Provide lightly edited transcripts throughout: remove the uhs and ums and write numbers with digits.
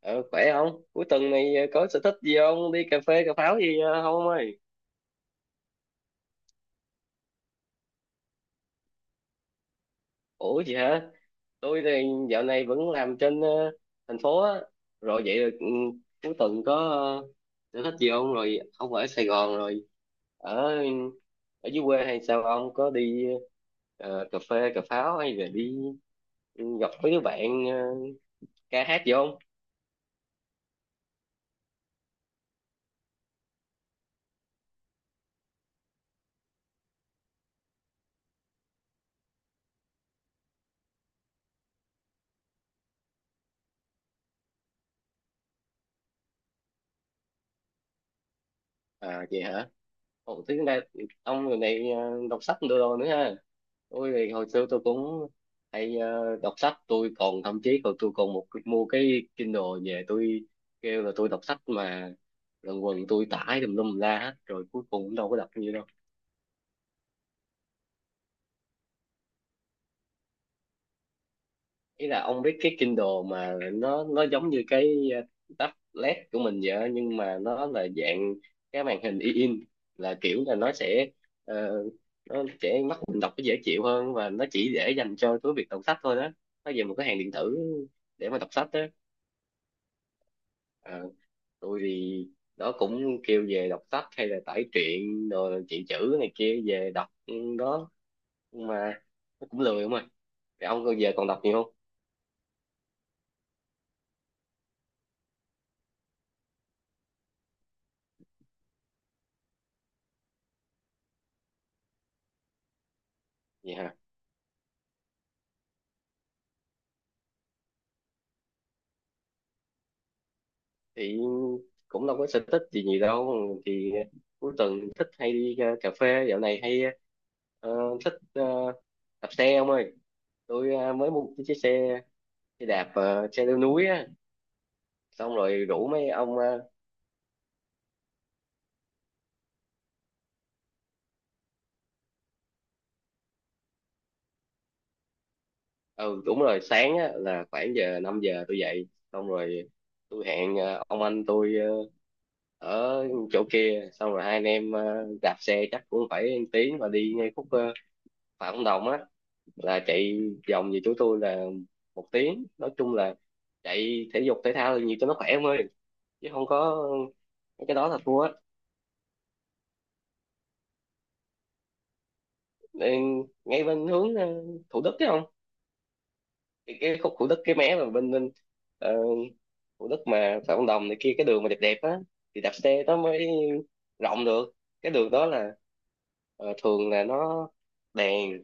Ờ, khỏe không? Cuối tuần này có sở thích gì không? Đi cà phê, cà pháo gì không ông ơi? Ủa gì hả? Tôi thì dạo này vẫn làm trên thành phố á. Rồi vậy là cuối tuần có sở thích gì không? Rồi ông ở Sài Gòn rồi. Ở ở dưới quê hay sao ông? Có đi cà phê, cà pháo hay là đi gặp mấy đứa bạn ca hát gì không? À vậy hả? Ồ, thế này ông người này đọc sách đồ đồ nữa ha. Tôi thì hồi xưa tôi cũng hay đọc sách, tôi còn thậm chí còn tôi còn một mua cái Kindle về, tôi kêu là tôi đọc sách mà lần quần tôi tải tùm lum la hết, rồi cuối cùng cũng đâu có đọc như đâu. Ý là ông biết cái Kindle mà nó giống như cái tablet của mình vậy á, nhưng mà nó là dạng cái màn hình in, là kiểu là ờ, nó sẽ mắt mình đọc nó dễ chịu hơn, và nó chỉ để dành cho cái việc đọc sách thôi đó. Nó về một cái hàng điện tử để mà đọc sách đó. Ờ, tôi thì đó cũng kêu về đọc sách hay là tải truyện rồi chuyện chữ này kia về đọc đó. Nhưng mà nó cũng lười không à. Vậy ông giờ còn đọc nhiều không? Vậy hả? Thì cũng đâu có sở thích gì gì đâu. Thì cuối tuần thích hay đi cà phê, dạo này hay ờ, thích đạp xe ông ơi. Tôi mới mua cái chiếc xe xe đạp, xe leo núi á, xong rồi rủ mấy ông ừ đúng rồi. Sáng á, là khoảng 5 giờ tôi dậy, xong rồi tôi hẹn ông anh tôi ở chỗ kia, xong rồi hai anh em đạp xe chắc cũng phải 1 tiếng, và đi ngay khúc Phạm Văn Đồng á, là chạy vòng về chỗ tôi là 1 tiếng. Nói chung là chạy thể dục thể thao là nhiều cho nó khỏe em ơi, chứ không có mấy cái đó là thua á. Nên ngay bên hướng Thủ Đức chứ không, cái khúc Thủ Đức, cái mé mà bên bên ờ, Thủ Đức mà Phạm Văn Đồng này kia, cái đường mà đẹp đẹp á thì đạp xe nó mới rộng được. Cái đường đó là thường là đèn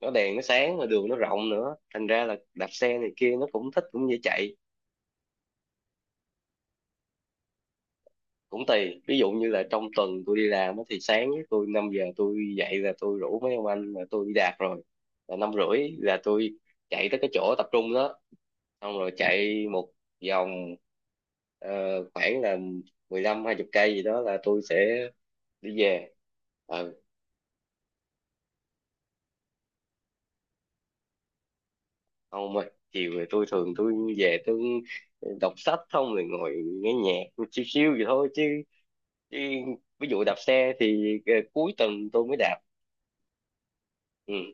nó đèn nó sáng, mà đường nó rộng nữa, thành ra là đạp xe này kia nó cũng thích, cũng dễ chạy. Cũng tùy, ví dụ như là trong tuần tôi đi làm á thì sáng á, tôi 5 giờ tôi dậy là tôi rủ mấy ông anh là tôi đi đạp rồi, là 5:30 là tôi chạy tới cái chỗ tập trung đó, xong rồi chạy một vòng ờ, khoảng là 15-20 cây gì đó là tôi sẽ đi về. Ừ, không mà chiều thì tôi thường tôi về tôi đọc sách không, rồi ngồi nghe nhạc chill chill vậy thôi chứ, chứ ví dụ đạp xe thì cuối tuần tôi mới đạp. Ừ.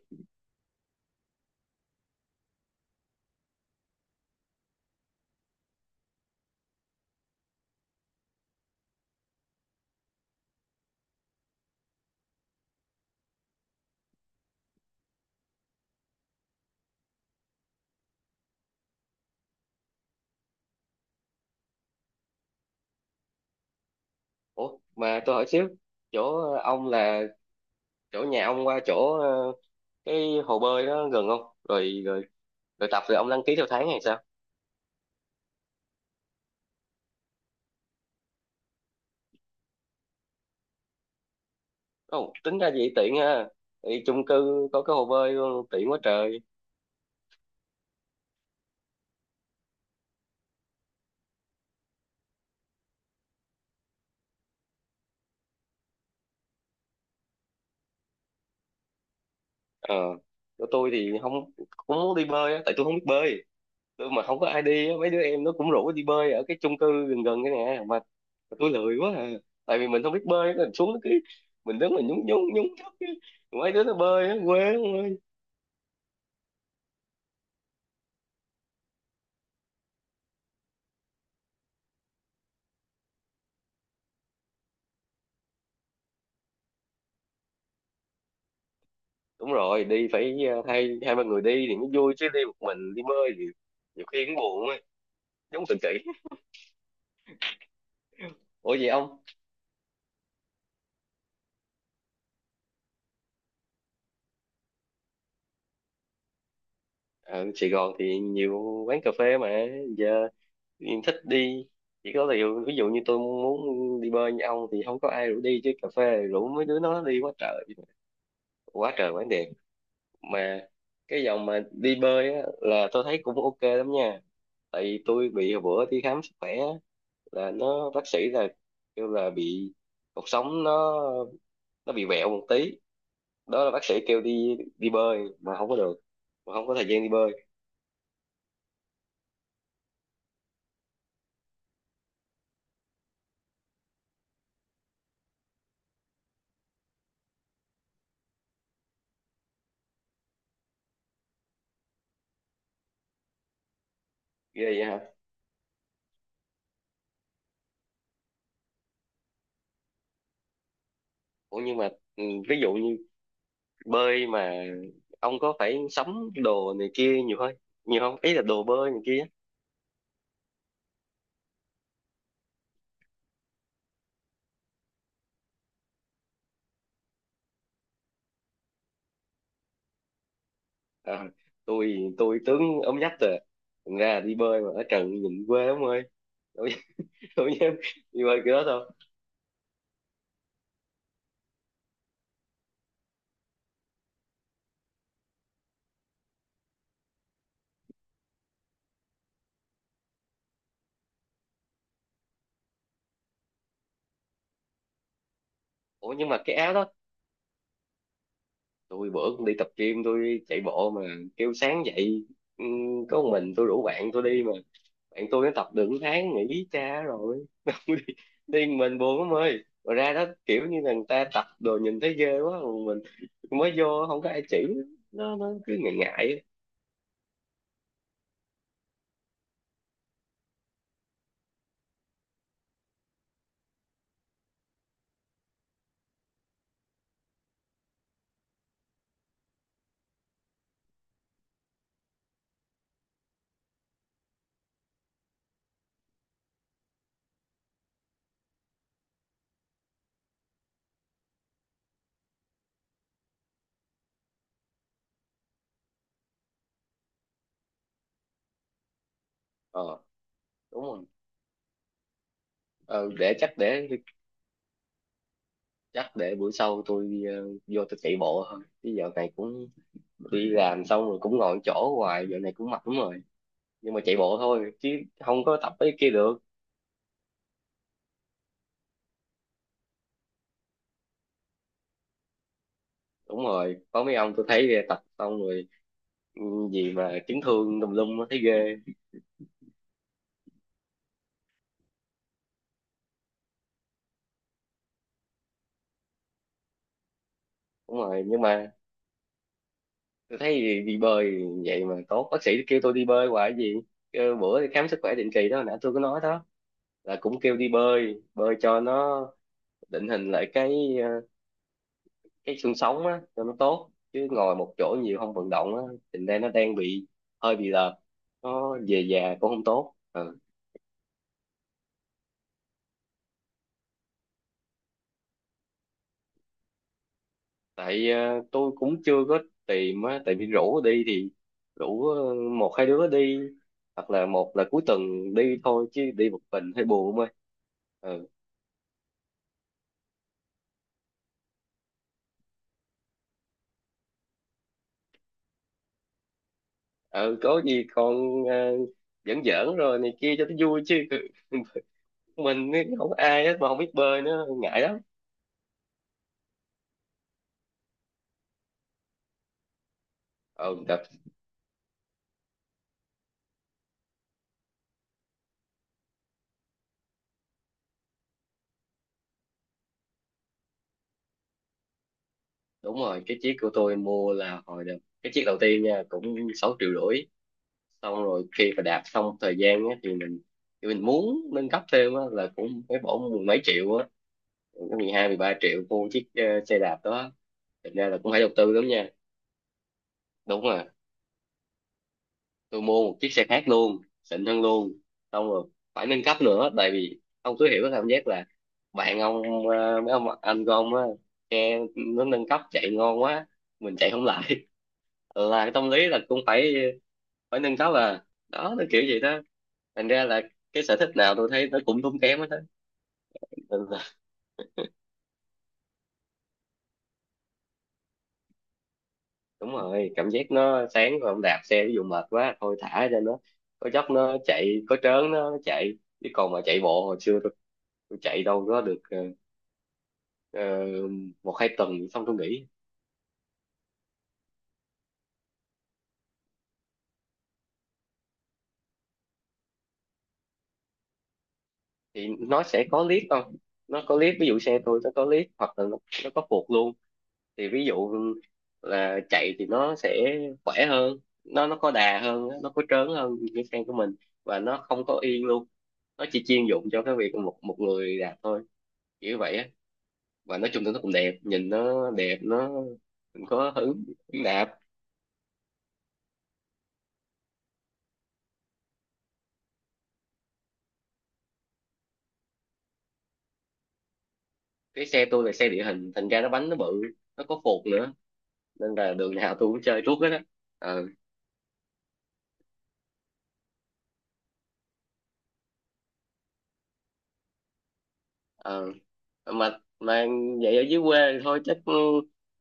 Ủa mà tôi hỏi xíu, chỗ ông là, chỗ nhà ông qua chỗ cái hồ bơi đó gần không? Rồi, rồi, rồi tập, rồi ông đăng ký theo tháng hay sao? Không, tính ra vậy tiện ha. Thì chung cư có cái hồ bơi luôn, tiện quá trời. Ờ, chỗ tôi thì không, cũng muốn đi bơi á, tại tôi không biết bơi. Tôi mà không có ai đi á, mấy đứa em nó cũng rủ đi bơi ở cái chung cư gần gần cái nè mà tôi lười quá à. Tại vì mình không biết bơi, mình xuống cái mình đứng mình nhúng nhúng nhúng nước á, mấy đứa nó bơi á, quê lắm. Đúng rồi, đi phải hai hai ba người đi thì mới vui, chứ đi một mình đi bơi thì nhiều khi cũng buồn á, giống tự kỷ. Ủa vậy ông, ở Sài Gòn thì nhiều quán cà phê mà. Giờ em thích đi. Chỉ có điều ví dụ như tôi muốn đi bơi như ông thì không có ai rủ đi, chứ cà phê rủ mấy đứa nó đi quá trời, quá trời quán đẹp mà. Cái dòng mà đi bơi á, là tôi thấy cũng ok lắm nha. Tại vì tôi bị hồi bữa đi khám sức khỏe á, là nó bác sĩ là kêu là bị cột sống, nó bị vẹo một tí đó, là bác sĩ kêu đi đi bơi mà không có được, mà không có thời gian đi bơi. Ghê vậy hả? Ủa nhưng mà ừ, ví dụ như bơi mà ông có phải sắm đồ này kia nhiều hơn nhiều không, ý là đồ bơi này kia? À, tôi tướng ốm nhách rồi, thành ra đi bơi mà ở trần nhìn quê ông ơi. Tôi tôi dám đi bơi kiểu đó thôi. Ủa nhưng mà cái áo đó, tôi bữa cũng đi tập gym, tôi chạy bộ mà kêu sáng dậy ừ, có một mình, tôi rủ bạn tôi đi mà bạn tôi nó tập được 1 tháng nghỉ cha rồi. Điên, mình buồn lắm ơi, rồi ra đó kiểu như là người ta tập đồ nhìn thấy ghê quá, còn mình mới vô không có ai chỉ, nó cứ ngại ngại á. Ờ đúng rồi, ờ, để chắc để chắc để bữa sau tôi vô tôi chạy bộ thôi, chứ giờ này cũng đi làm xong rồi cũng ngồi chỗ hoài, giờ này cũng mệt lắm rồi. Nhưng mà chạy bộ thôi, chứ không có tập mấy cái kia được. Đúng rồi, có mấy ông tôi thấy tập xong rồi ừ, gì mà chấn thương tùm lum á, thấy ghê. Đúng rồi, nhưng mà tôi thấy đi, đi bơi vậy mà tốt. Bác sĩ kêu tôi đi bơi hoài, gì kêu bữa đi khám sức khỏe định kỳ đó nãy tôi có nói đó, là cũng kêu đi bơi bơi cho nó định hình lại cái cái xương sống á, cho nó tốt, chứ ngồi một chỗ nhiều không vận động á, thành ra nó đang bị hơi bị lợp, nó về già cũng không tốt. Ờ. Tại tôi cũng chưa có tìm á, tại vì rủ đi thì rủ 1-2 đứa đi, hoặc là một là cuối tuần đi thôi, chứ đi một mình hơi buồn thôi. Ừ. Ờ có gì còn giỡn giỡn rồi này kia cho nó vui chứ. Mình ấy, không có ai hết mà không biết bơi nữa, ngại lắm. Ừ đập. Đúng rồi, cái chiếc của tôi mua là hồi đợt, cái chiếc đầu tiên nha, cũng 6,5 triệu. Xong rồi khi mà đạp xong thời gian á, thì mình muốn nâng cấp thêm á, là cũng phải bỏ mười mấy triệu á, 12-13 triệu mua chiếc xe đạp đó. Thành ra là cũng phải đầu tư lắm nha. Đúng rồi, tôi mua một chiếc xe khác luôn, xịn hơn luôn. Xong rồi phải nâng cấp nữa, tại vì ông cứ hiểu cái cảm giác là bạn ông mấy ông anh của ông á, xe nó nâng cấp chạy ngon quá, mình chạy không lại. Là cái tâm lý là cũng phải, phải nâng cấp à, đó nó kiểu gì đó, thành ra là cái sở thích nào tôi thấy nó cũng tốn kém hết á. Ừ. Đúng rồi, cảm giác nó sáng rồi ông đạp xe, ví dụ mệt quá thôi thả cho nó, có dốc nó chạy, có trớn nó chạy. Chứ còn mà chạy bộ hồi xưa tôi chạy đâu có được ờ, 1-2 tuần xong tôi nghỉ. Thì nó sẽ có lift không, nó có lift, ví dụ xe tôi nó có lift, hoặc là nó có phượt luôn. Thì ví dụ là chạy thì nó sẽ khỏe hơn, nó có đà hơn, nó có trớn hơn cái xe của mình. Và nó không có yên luôn, nó chỉ chuyên dụng cho cái việc một một người đạp thôi, kiểu vậy á. Và nói chung thì nó cũng đẹp, nhìn nó đẹp, nó mình có hứng hứng đạp. Cái xe tôi là xe địa hình, thành ra nó bánh nó bự, nó có phột nữa, nên là đường nào tôi cũng chơi tuốt hết á. ờ ờ mà vậy ở dưới quê thì thôi chắc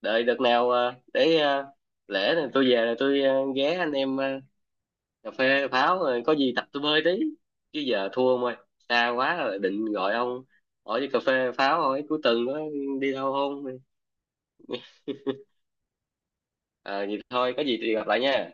đợi đợt nào để lễ này tôi về là tôi ghé anh em cà phê pháo rồi có gì tập tôi bơi tí, chứ giờ thua ông ơi, xa quá rồi định gọi ông hỏi đi cà phê pháo, hỏi cuối tuần đó đi đâu không. Ờ vậy thôi, có gì thì gặp lại nha.